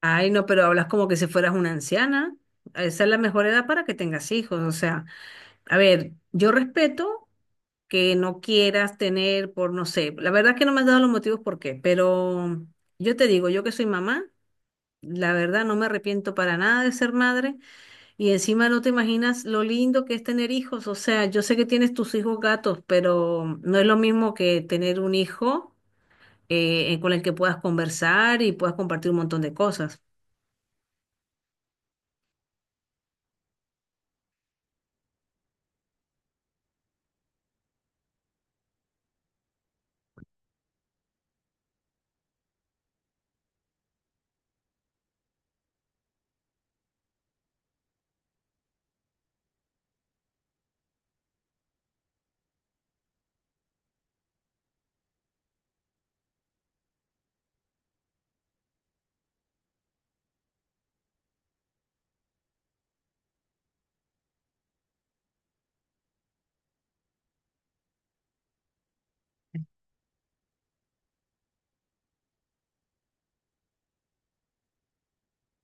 Ay, no, pero hablas como que si fueras una anciana. Esa es la mejor edad para que tengas hijos. O sea, a ver, yo respeto que no quieras tener por, no sé, la verdad que no me has dado los motivos por qué, pero yo te digo, yo que soy mamá, la verdad no me arrepiento para nada de ser madre y encima no te imaginas lo lindo que es tener hijos. O sea, yo sé que tienes tus hijos gatos, pero no es lo mismo que tener un hijo con el que puedas conversar y puedas compartir un montón de cosas.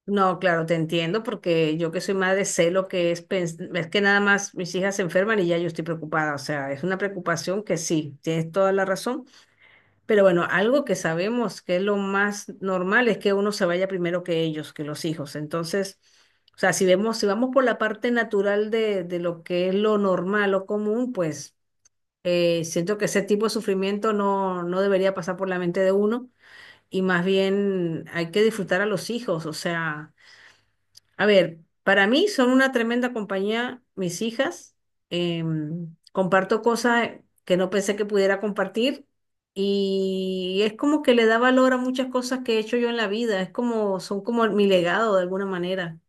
No, claro, te entiendo porque yo que soy madre sé lo que es, es que nada más mis hijas se enferman y ya yo estoy preocupada, o sea, es una preocupación que sí, tienes toda la razón, pero bueno, algo que sabemos que es lo más normal es que uno se vaya primero que ellos, que los hijos, entonces, o sea, si vemos, si vamos por la parte natural de lo que es lo normal o común, pues siento que ese tipo de sufrimiento no, no debería pasar por la mente de uno y más bien hay que disfrutar a los hijos, o sea... A ver, para mí son una tremenda compañía mis hijas. Comparto cosas que no pensé que pudiera compartir y es como que le da valor a muchas cosas que he hecho yo en la vida. Es como, son como mi legado de alguna manera.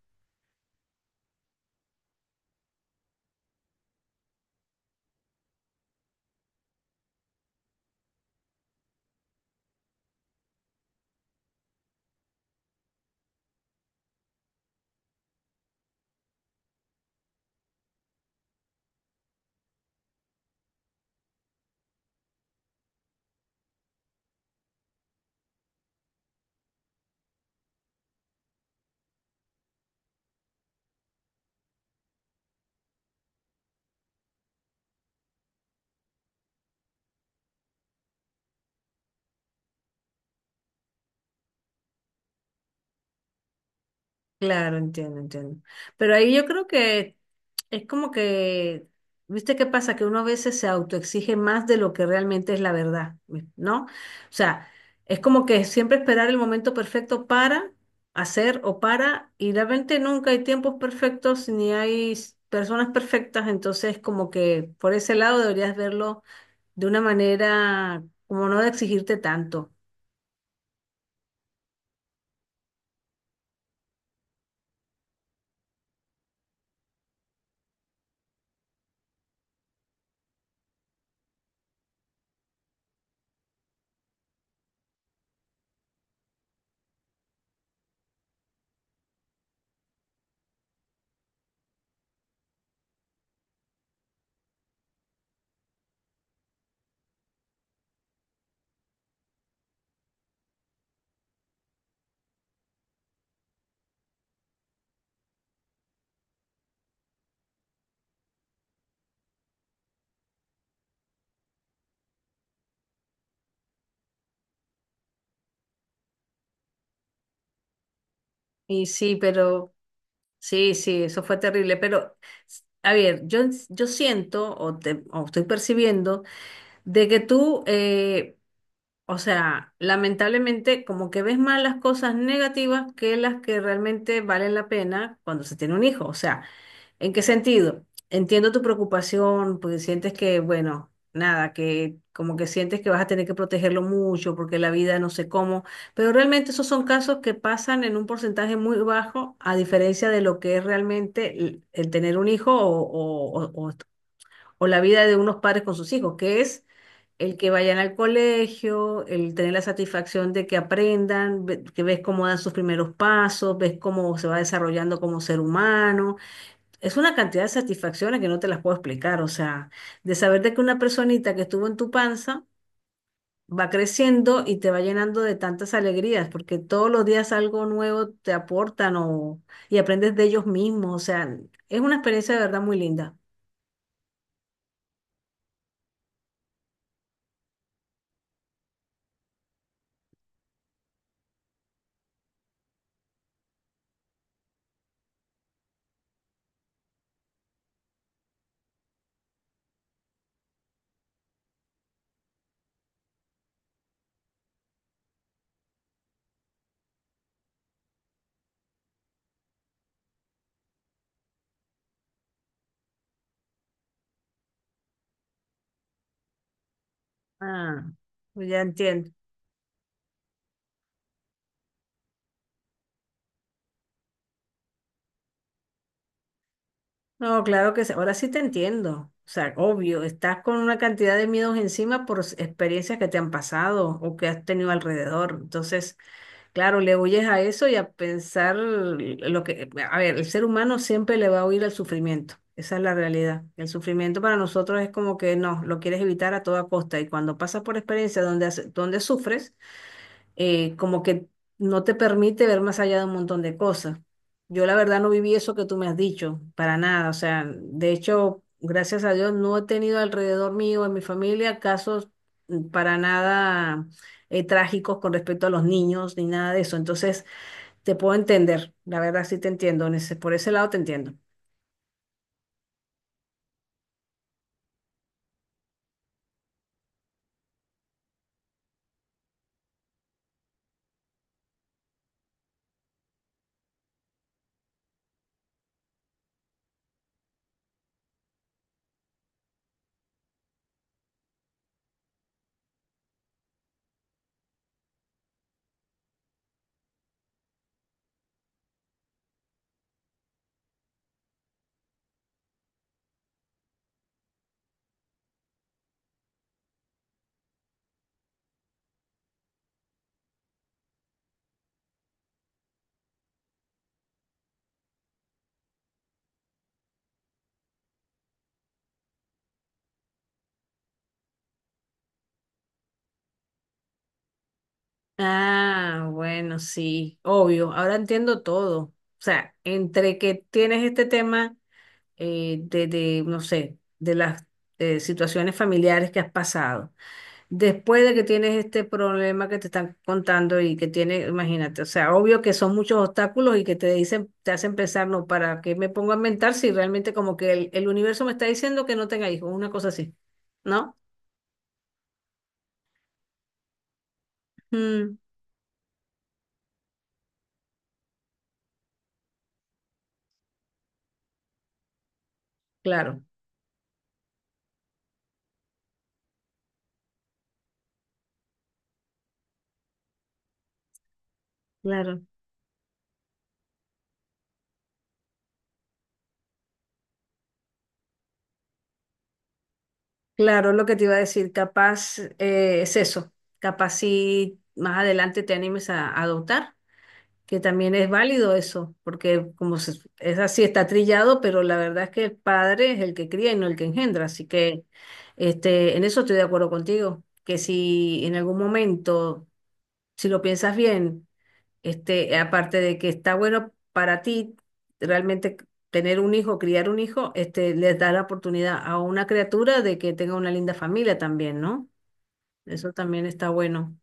Claro, entiendo, entiendo. Pero ahí yo creo que es como que, ¿viste qué pasa? Que uno a veces se autoexige más de lo que realmente es la verdad, ¿no? O sea, es como que siempre esperar el momento perfecto para hacer o para, y realmente nunca hay tiempos perfectos ni hay personas perfectas, entonces como que por ese lado deberías verlo de una manera como no de exigirte tanto. Y sí, pero... Sí, sí, eso fue terrible, pero a ver, yo siento o, o estoy percibiendo de que tú o sea, lamentablemente como que ves más las cosas negativas que las que realmente valen la pena cuando se tiene un hijo. O sea, ¿en qué sentido? Entiendo tu preocupación, porque sientes que, bueno, nada, que como que sientes que vas a tener que protegerlo mucho porque la vida no sé cómo, pero realmente esos son casos que pasan en un porcentaje muy bajo a diferencia de lo que es realmente el tener un hijo o, o o- o- o la vida de unos padres con sus hijos, que es el que vayan al colegio, el tener la satisfacción de que aprendan, que ves cómo dan sus primeros pasos, ves cómo se va desarrollando como ser humano. Es una cantidad de satisfacciones que no te las puedo explicar, o sea, de saber de que una personita que estuvo en tu panza va creciendo y te va llenando de tantas alegrías, porque todos los días algo nuevo te aportan o, y aprendes de ellos mismos, o sea, es una experiencia de verdad muy linda. Ah, ya entiendo. No, claro que sí. Ahora sí te entiendo. O sea, obvio, estás con una cantidad de miedos encima por experiencias que te han pasado o que has tenido alrededor. Entonces, claro, le huyes a eso y a pensar lo que... A ver, el ser humano siempre le va a huir al sufrimiento. Esa es la realidad. El sufrimiento para nosotros es como que no, lo quieres evitar a toda costa. Y cuando pasas por experiencias donde, donde sufres, como que no te permite ver más allá de un montón de cosas. Yo la verdad no viví eso que tú me has dicho, para nada. O sea, de hecho, gracias a Dios, no he tenido alrededor mío, en mi familia, casos para nada trágicos con respecto a los niños ni nada de eso. Entonces, te puedo entender, la verdad sí te entiendo, en por ese lado te entiendo. Ah, bueno, sí, obvio, ahora entiendo todo. O sea, entre que tienes este tema de, no sé, de las situaciones familiares que has pasado. Después de que tienes este problema que te están contando y que tiene, imagínate, o sea, obvio que son muchos obstáculos y que te dicen, te hacen pensar, no, ¿para qué me pongo a inventar si realmente como que el universo me está diciendo que no tenga hijos, una cosa así, ¿no? Mm, claro, claro, claro, lo que te iba a decir, capaz es eso, capaz si más adelante te animes a adoptar. Que también es válido eso, porque es así, está trillado, pero la verdad es que el padre es el que cría y no el que engendra. Así que este, en eso estoy de acuerdo contigo, que si en algún momento, si lo piensas bien, este, aparte de que está bueno para ti realmente tener un hijo, criar un hijo, este, les da la oportunidad a una criatura de que tenga una linda familia también, ¿no? Eso también está bueno.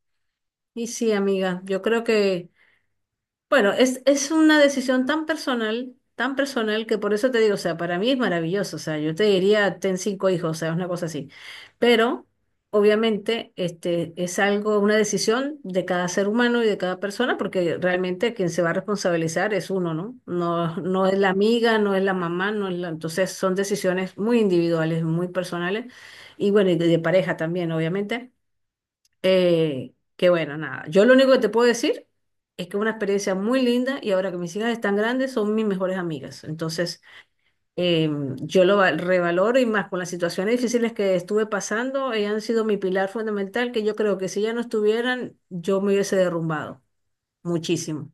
Y sí, amiga, yo creo que... Bueno, es una decisión tan personal, que por eso te digo, o sea, para mí es maravilloso, o sea, yo te diría, ten cinco hijos, o sea, es una cosa así. Pero, obviamente, este, es algo, una decisión de cada ser humano y de cada persona, porque realmente quien se va a responsabilizar es uno, ¿no? No, no es la amiga, no es la mamá, no es la... Entonces, son decisiones muy individuales, muy personales, y bueno, y de pareja también, obviamente. Que bueno, nada. Yo lo único que te puedo decir es que es una experiencia muy linda y ahora que mis hijas están grandes son mis mejores amigas. Entonces, eh, yo revaloro y más con las situaciones difíciles que estuve pasando, ellas han sido mi pilar fundamental que yo creo que si ya no estuvieran, yo me hubiese derrumbado muchísimo.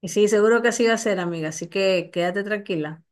Y sí, seguro que así va a ser, amiga. Así que quédate tranquila.